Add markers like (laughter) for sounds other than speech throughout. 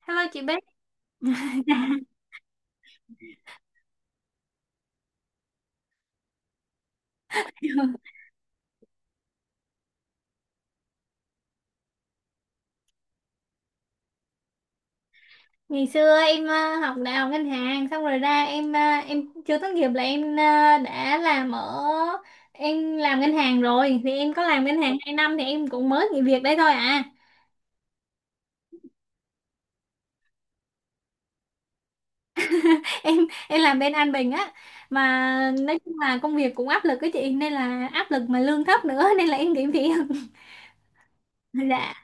Hello chị Bích. (laughs) Ngày xưa em học đại học ngân hàng xong rồi ra em em chưa tốt nghiệp là em đã làm ở em làm ngân hàng rồi thì em có làm ngân hàng 2 năm thì em cũng mới nghỉ việc đấy thôi à. (laughs) em em làm bên An Bình á, mà nói chung là công việc cũng áp lực cái chị, nên là áp lực mà lương thấp nữa, (laughs) nên là em nghỉ việc. (laughs) Dạ.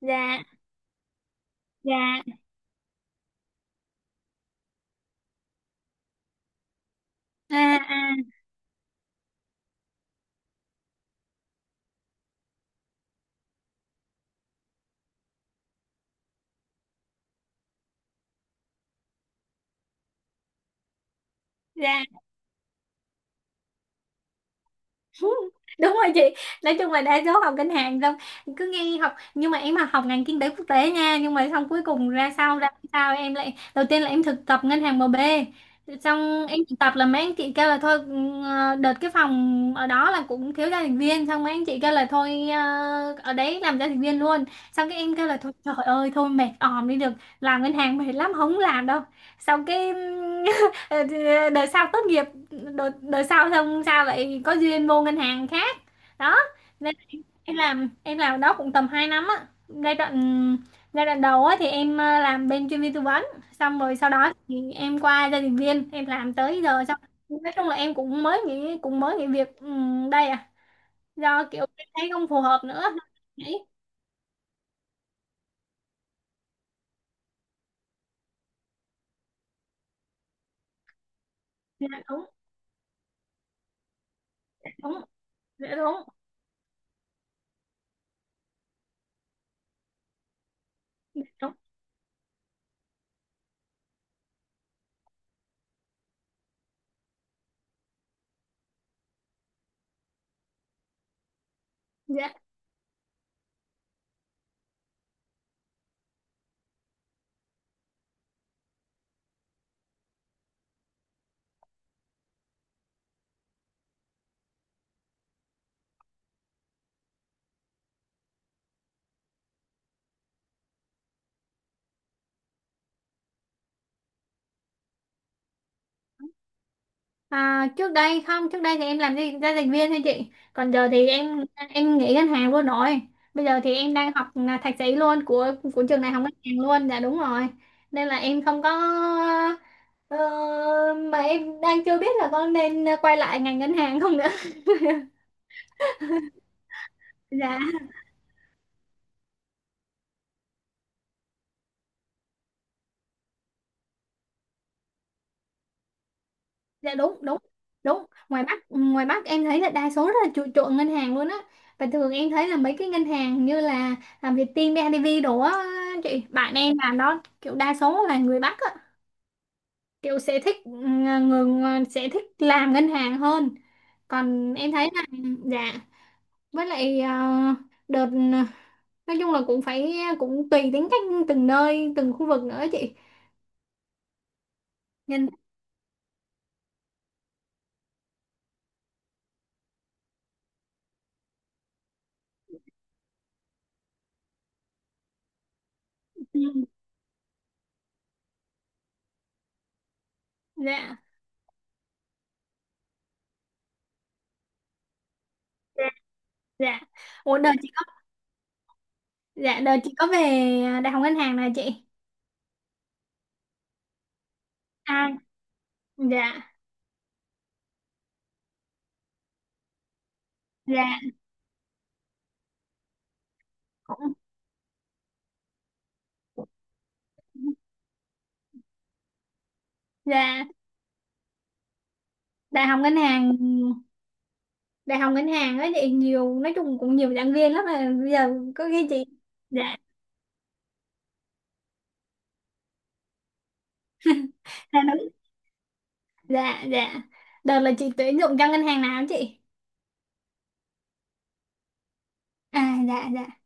Dạ. Dạ. À, à, dạ. (laughs) Đúng rồi chị. Nói chung là đa số học ngân hàng xong cứ nghe học, nhưng mà em mà học ngành kinh tế quốc tế nha, nhưng mà xong cuối cùng ra sau ra sao em lại đầu tiên là em thực tập ngân hàng em bê, xong em thực tập là mấy anh chị kêu là thôi, đợt cái phòng ở đó là cũng thiếu gia đình viên, xong mấy anh chị kêu là thôi, ở đấy làm gia đình viên luôn, xong cái em kêu là thôi trời ơi thôi mệt òm đi được, làm ngân hàng mệt lắm không làm đâu, xong cái (laughs) đợt sau tốt nghiệp, đợt sau xong sao lại có duyên vô ngân hàng khác đó, nên em làm, đó cũng tầm 2 năm á. giai đoạn Giai đoạn đầu á thì em làm bên chuyên viên tư vấn, xong rồi sau đó thì em qua gia đình viên em làm tới giờ xong. Nói chung là em cũng mới nghỉ, việc đây à, do kiểu em thấy không phù hợp nữa, đấy. Dạ đúng. Đúng. Dạ đúng. Dạ đúng. Dạ. À, trước đây không, trước đây thì em làm gì giao dịch viên thôi chị, còn giờ thì em nghỉ ngân hàng luôn rồi. Bây giờ thì em đang học là thạc sĩ luôn của trường đại học ngân hàng luôn. Dạ đúng rồi. Nên là em không có ờ, mà em đang chưa biết là có nên quay lại ngành ngân hàng không nữa. (laughs) Dạ. Dạ đúng. Đúng. Ngoài Bắc ngoài Bắc em thấy là đa số rất là chuộng, ngân hàng luôn á, và thường em thấy là mấy cái ngân hàng như là làm Vietinbank, BIDV đồ á, chị bạn em làm đó kiểu đa số là người Bắc á, kiểu sẽ thích người, sẽ thích làm ngân hàng hơn. Còn em thấy là dạ, với lại đợt, nói chung là cũng phải, cũng tùy tính cách từng nơi từng khu vực nữa chị. Nhân. Ừ, dạ. Dạ. Dạ. Ủa đợt chị, dạ đợt chị có về đại học ngân hàng này chị. À dạ. Dạ. Cũng. Dạ. Đại học ngân hàng đại học ngân hàng ấy chị nhiều, nói chung cũng nhiều giảng viên lắm mà bây giờ có khi chị. Dạ. Dạ đúng. Dạ. Dạ. Đợt là chị tuyển dụng cho ngân hàng nào hả chị? À dạ. Dạ.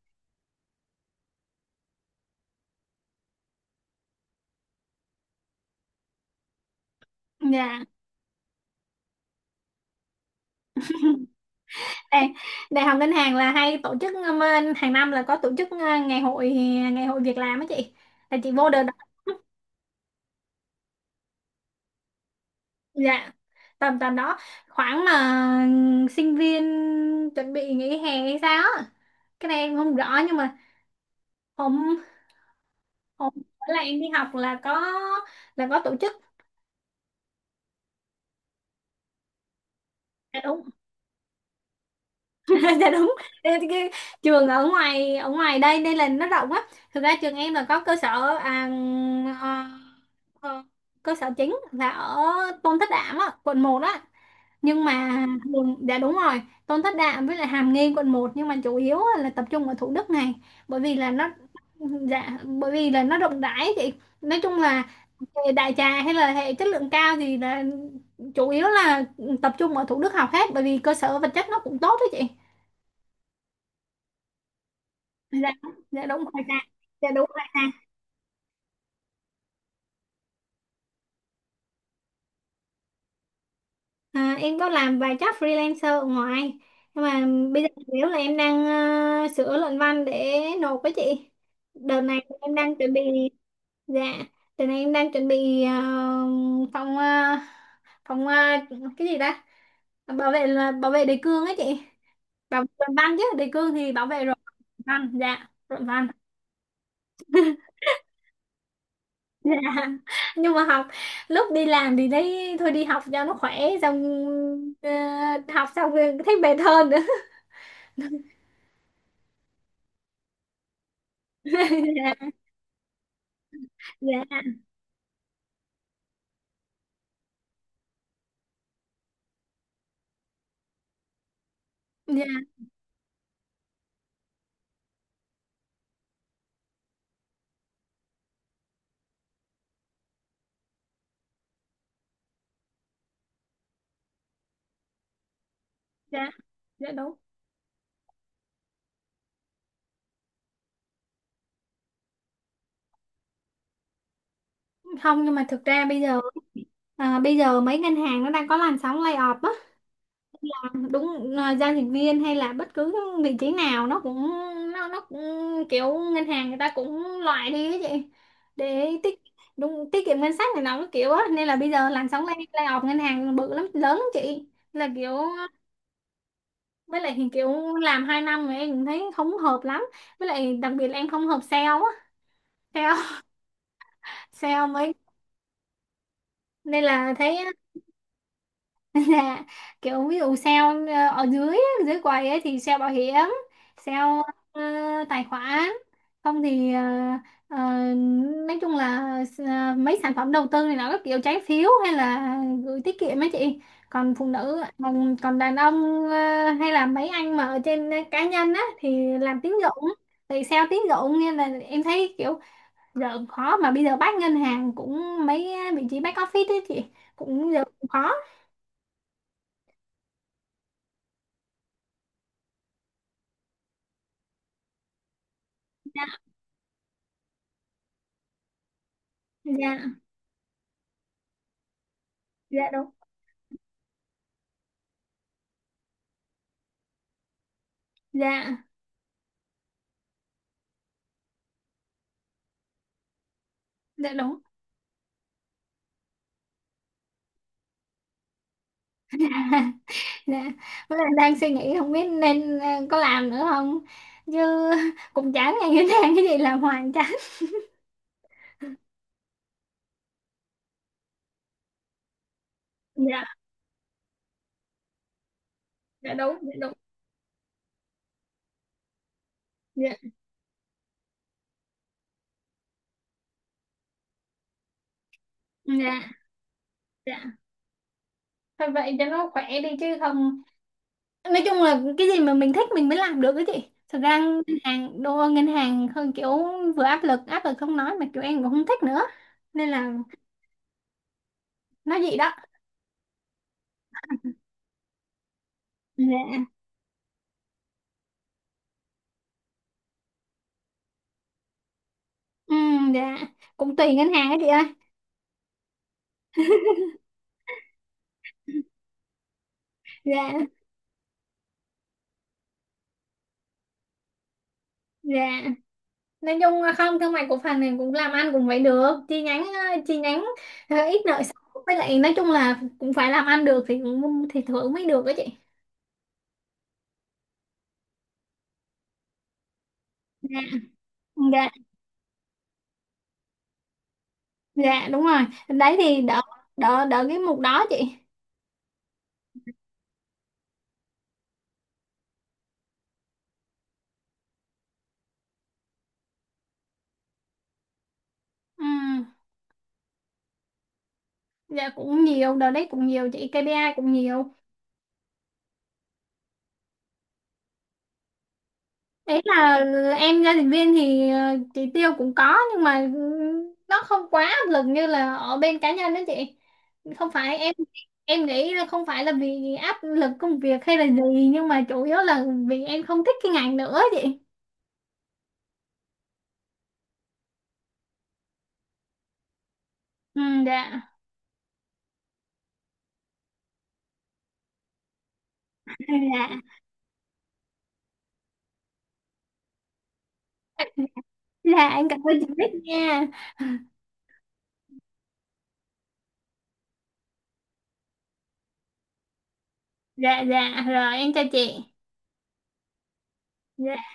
Dạ. đại, Đại học ngân hàng là hay tổ chức hàng năm là có tổ chức, ngày hội, việc làm á chị, là chị vô đợt. Dạ tầm tầm đó, khoảng mà sinh viên chuẩn bị nghỉ hè hay sao á. Cái này em không rõ, nhưng mà hôm hôm bữa là em đi học là có tổ chức. Dạ đúng. (laughs) Dạ đúng. Ê, cái, trường ở ngoài, đây đây là nó rộng á, thực ra trường em là có cơ sở, ờ, ờ, cơ sở chính là ở Tôn Thất Đạm á quận một á, nhưng mà dạ đúng rồi. Tôn Thất Đạm với lại Hàm Nghi quận một, nhưng mà chủ yếu á là tập trung ở Thủ Đức này, bởi vì là nó, dạ, bởi vì là nó rộng rãi chị. Nói chung là hệ đại trà hay là hệ chất lượng cao thì là chủ yếu là tập trung ở Thủ Đức học hết, bởi vì cơ sở vật chất nó cũng tốt đó chị. Dạ. Dạ đúng rồi. Dạ. Dạ đúng rồi. Dạ. À, em có làm vài job freelancer ở ngoài, nhưng mà bây giờ nếu là em đang sửa luận văn để nộp với chị, đợt này em đang chuẩn bị. Dạ, đợt này em đang chuẩn bị phòng ờ, phòng ờ, cái gì ta, bảo vệ là bảo vệ đề cương ấy chị, bảo vệ luận văn chứ đề cương thì bảo vệ rồi. Luận văn, dạ luận văn. (laughs) Dạ, nhưng mà học lúc đi làm thì thấy thôi đi học cho nó khỏe, xong ờ, học xong rồi thấy mệt hơn. (laughs) (laughs) Dạ. Dạ. Dạ. Dạ đúng. Không, nhưng mà thực ra bây giờ, bây giờ mấy ngân hàng nó đang có làn sóng layoff á. À, đúng, giao dịch viên hay là bất cứ vị trí nào nó cũng, nó cũng kiểu ngân hàng người ta cũng loại đi á chị, để tiết, đúng tiết kiệm ngân sách này nọ cái kiểu á, nên là bây giờ làn sóng layoff ngân hàng bự lắm lớn lắm chị, là kiểu. Với lại thì kiểu làm 2 năm mà em cũng thấy không hợp lắm, với lại đặc biệt là em không hợp sale á, sale sale mấy, nên là thấy á, (laughs) là kiểu ví dụ sale ở dưới á, dưới quầy ấy thì sale bảo hiểm, sale ờ, tài khoản, không thì ờ, nói chung là mấy sản phẩm đầu tư này nó các kiểu trái phiếu, hay là gửi tiết kiệm ấy chị. Còn phụ nữ còn, đàn ông hay là mấy anh mà ở trên, cá nhân á thì làm tín dụng, thì sale tín dụng, nên là em thấy kiểu giờ cũng khó, mà bây giờ bác ngân hàng cũng mấy vị trí back office ấy chị cũng giờ cũng khó. Dạ. Dạ. Dạ đúng. Dạ. Dạ đúng. (laughs) Dạ, với lại đang suy nghĩ không biết nên có làm nữa không, chứ cũng chán, ngày cứ đang cái gì làm hoài chán. Dạ. Dạ đúng. Dạ đúng. Dạ. Dạ. Dạ. Thôi vậy cho nó khỏe đi chứ không, nói chung là cái gì mà mình thích mình mới làm được cái chị, thực ra ngân hàng đô ngân hàng hơn kiểu vừa áp lực, không nói mà kiểu em cũng không thích nữa, nên là nói gì đó. Dạ. Ừ, dạ, cũng tùy ngân hàng á chị ơi. Dạ. Dạ. Nói chung là không, thương mại cổ phần này cũng làm ăn cũng phải được chi nhánh, chi nhánh ít nợ xấu, với lại nói chung là cũng phải làm ăn được thì thì thưởng mới được đó chị. Dạ. Dạ. Dạ đúng rồi, đấy thì đỡ, đỡ cái mục đó chị. Ừ, dạ cũng nhiều, đợt đấy cũng nhiều chị, KPI cũng nhiều. Đấy là em gia đình viên thì chỉ tiêu cũng có nhưng mà nó không quá áp lực như là ở bên cá nhân đó chị. Không phải em nghĩ là không phải là vì áp lực công việc hay là gì, nhưng mà chủ yếu là vì em không thích cái ngành nữa chị. Ừ, dạ. (laughs) Dạ, dạ em cảm ơn chị biết nha. Dạ dạ rồi em chào chị. Dạ.